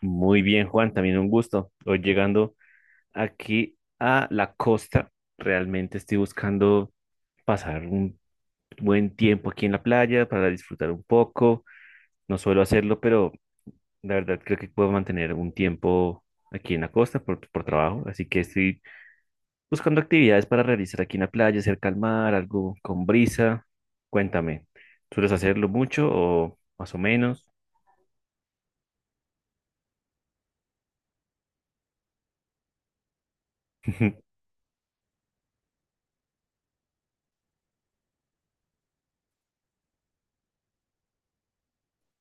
Muy bien, Juan, también un gusto. Hoy llegando aquí a la costa, realmente estoy buscando pasar un buen tiempo aquí en la playa para disfrutar un poco. No suelo hacerlo, pero la verdad creo que puedo mantener un tiempo aquí en la costa por trabajo. Así que estoy buscando actividades para realizar aquí en la playa, cerca al mar, algo con brisa. Cuéntame, ¿sueles hacerlo mucho o más o menos?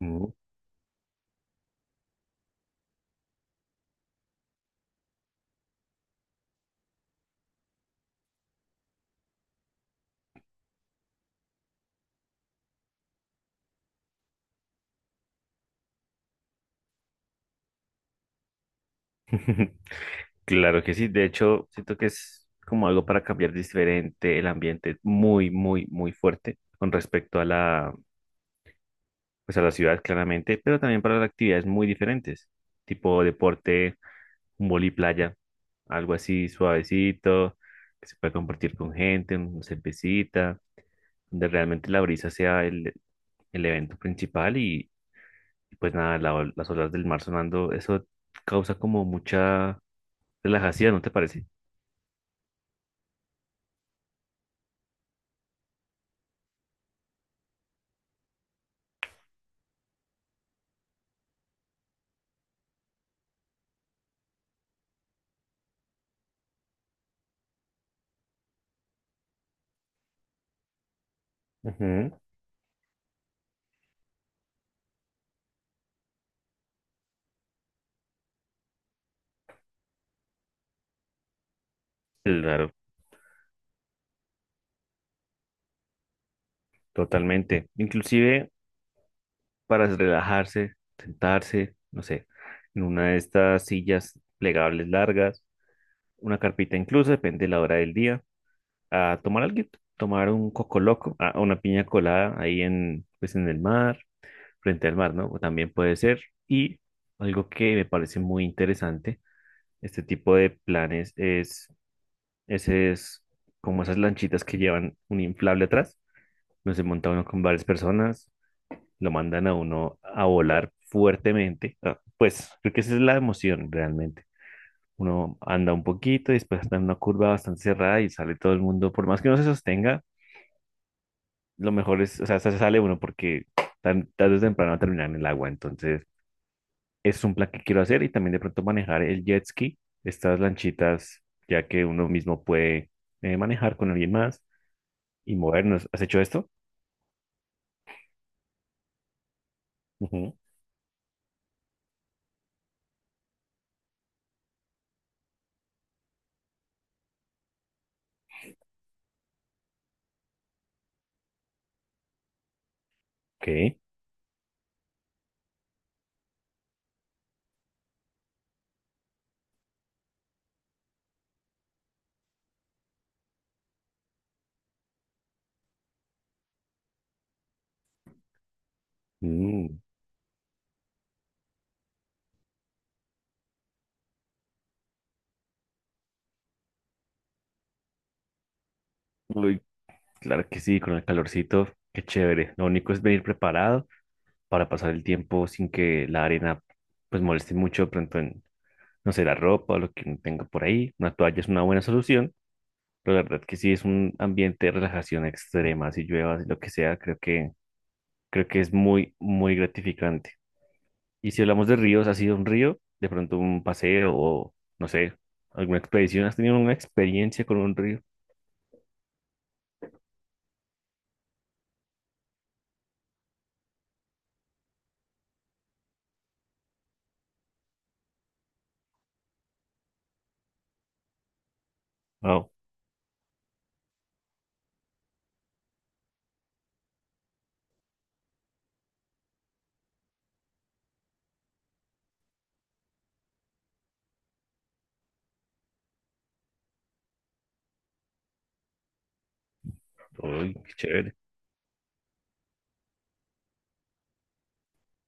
Mm. Claro que sí, de hecho, siento que es como algo para cambiar diferente el ambiente, muy, muy, muy fuerte con respecto a pues a la ciudad, claramente, pero también para las actividades muy diferentes, tipo deporte, un boli playa, algo así suavecito, que se pueda compartir con gente, una cervecita, donde realmente la brisa sea el evento principal y pues nada, las olas del mar sonando, eso causa como mucha relajación, ¿no te parece? Ujú. Claro, totalmente. Inclusive para relajarse, sentarse, no sé, en una de estas sillas plegables largas, una carpita incluso, depende de la hora del día, a tomar algo, tomar un coco loco, a una piña colada ahí en, pues en el mar, frente al mar, ¿no? O también puede ser. Y algo que me parece muy interesante, este tipo de planes es, ese es como esas lanchitas que llevan un inflable atrás. Nos se monta uno con varias personas, lo mandan a uno a volar fuertemente. Ah, pues creo que esa es la emoción realmente. Uno anda un poquito y después está en una curva bastante cerrada y sale todo el mundo. Por más que no se sostenga, lo mejor es, o sea, se sale uno porque tarde o temprano va a terminar en el agua. Entonces, es un plan que quiero hacer y también de pronto manejar el jet ski, estas lanchitas, ya que uno mismo puede manejar con alguien más y movernos. ¿Has hecho esto? Ujú. Ok. Mm. Uy, claro que sí, con el calorcito, qué chévere. Lo único es venir preparado para pasar el tiempo sin que la arena pues moleste mucho de pronto en, no sé, la ropa o lo que uno tenga por ahí. Una toalla es una buena solución, pero la verdad que sí es un ambiente de relajación extrema, si llueva, si lo que sea, creo que es muy, muy gratificante. Y si hablamos de ríos, ¿ha sido un río? De pronto un paseo o, no sé, alguna expedición. ¿Has tenido una experiencia con un río? Wow, uy, qué chévere.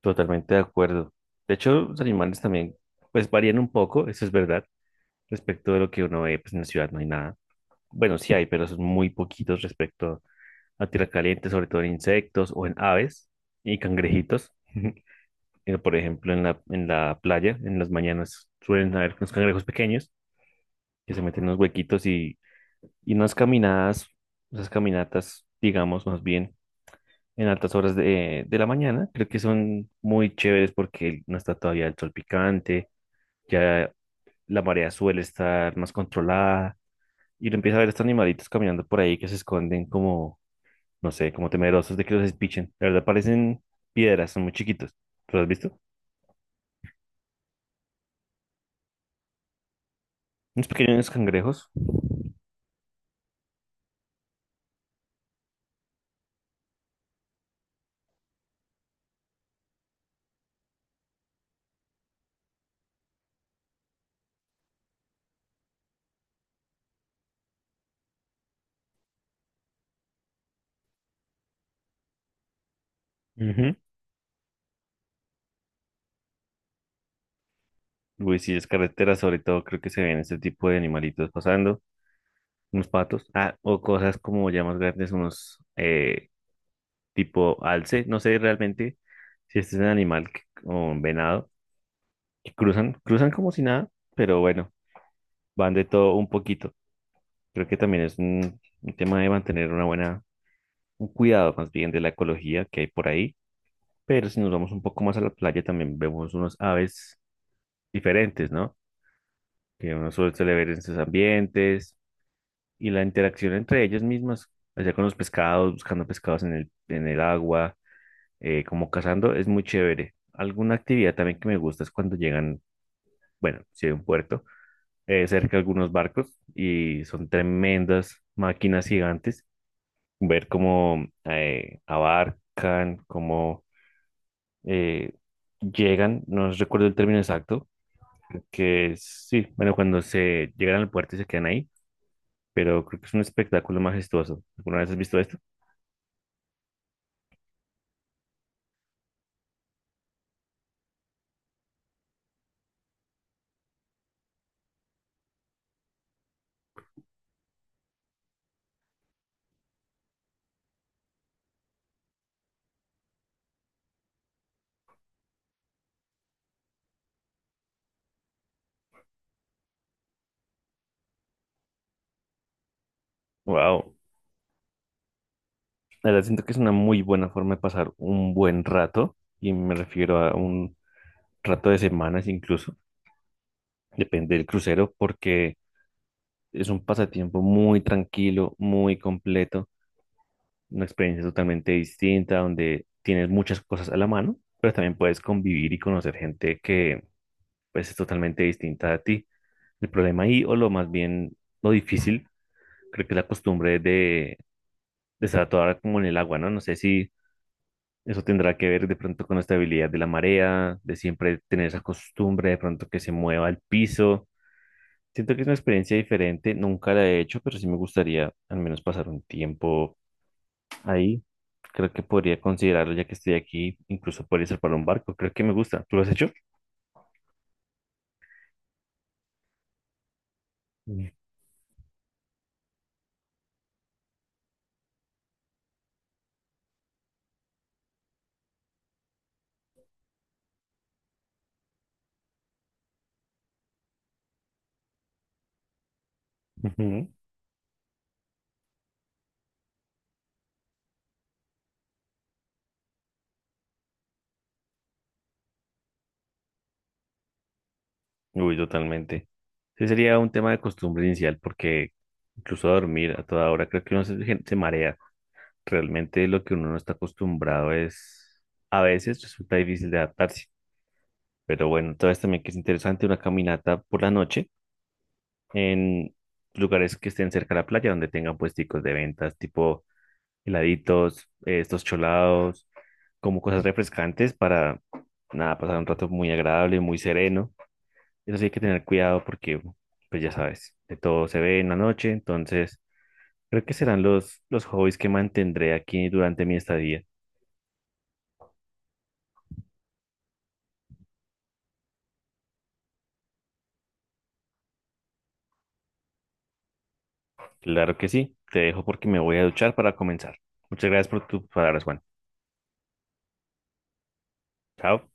Totalmente de acuerdo. De hecho, los animales también, pues varían un poco, eso es verdad, respecto de lo que uno ve, pues en la ciudad no hay nada. Bueno, sí hay, pero son muy poquitos respecto a tierra caliente, sobre todo en insectos o en aves y cangrejitos. Por ejemplo, en en la playa, en las mañanas suelen haber unos cangrejos pequeños que se meten en unos huequitos y unas caminadas, esas caminatas, digamos, más bien en altas horas de la mañana, creo que son muy chéveres porque no está todavía el sol picante, ya la marea suele estar más controlada y uno empieza a ver estos animalitos caminando por ahí que se esconden como, no sé, como temerosos de que los espichen. La verdad parecen piedras, son muy chiquitos. ¿Los has visto? Unos pequeños cangrejos. Ujú. Uy, sí, es carretera, sobre todo creo que se ven este tipo de animalitos pasando, unos patos, ah, o cosas como ya más grandes, unos tipo alce, no sé realmente si este es un o un venado, que cruzan, cruzan como si nada, pero bueno, van de todo un poquito. Creo que también es un tema de mantener una buena, un cuidado más bien de la ecología que hay por ahí. Pero si nos vamos un poco más a la playa, también vemos unos aves diferentes, ¿no? Que uno solo suele ver en sus ambientes y la interacción entre ellas mismas, allá con los pescados, buscando pescados en en el agua, como cazando, es muy chévere. Alguna actividad también que me gusta es cuando llegan, bueno, si hay un puerto, cerca algunos barcos y son tremendas máquinas gigantes ver cómo abarcan, cómo eh, llegan, no recuerdo el término exacto, creo que sí, bueno, cuando se llegan al puerto y se quedan ahí, pero creo que es un espectáculo majestuoso. ¿Alguna vez has visto esto? Wow, la verdad siento que es una muy buena forma de pasar un buen rato, y me refiero a un rato de semanas incluso, depende del crucero, porque es un pasatiempo muy tranquilo, muy completo, una experiencia totalmente distinta, donde tienes muchas cosas a la mano, pero también puedes convivir y conocer gente que pues es totalmente distinta a ti. El problema ahí, o lo más bien lo difícil, creo que es la costumbre de estar a toda hora como en el agua, ¿no? No sé si eso tendrá que ver de pronto con la estabilidad de la marea, de siempre tener esa costumbre de pronto que se mueva el piso. Siento que es una experiencia diferente, nunca la he hecho, pero sí me gustaría al menos pasar un tiempo ahí. Creo que podría considerarlo ya que estoy aquí, incluso podría ser para un barco, creo que me gusta. ¿Tú lo has hecho? Mm. Ujú. Uy, totalmente. Sí, sería un tema de costumbre inicial porque incluso dormir a toda hora creo que se marea. Realmente lo que uno no está acostumbrado es a veces resulta difícil de adaptarse. Pero bueno, tal vez también que es interesante una caminata por la noche en lugares que estén cerca de la playa donde tengan puesticos de ventas tipo heladitos, estos cholados, como cosas refrescantes para, nada, pasar un rato muy agradable, muy sereno. Eso sí hay que tener cuidado porque, pues ya sabes, de todo se ve en la noche, entonces creo que serán los hobbies que mantendré aquí durante mi estadía. Claro que sí, te dejo porque me voy a duchar para comenzar. Muchas gracias por tus palabras, Juan. Chao.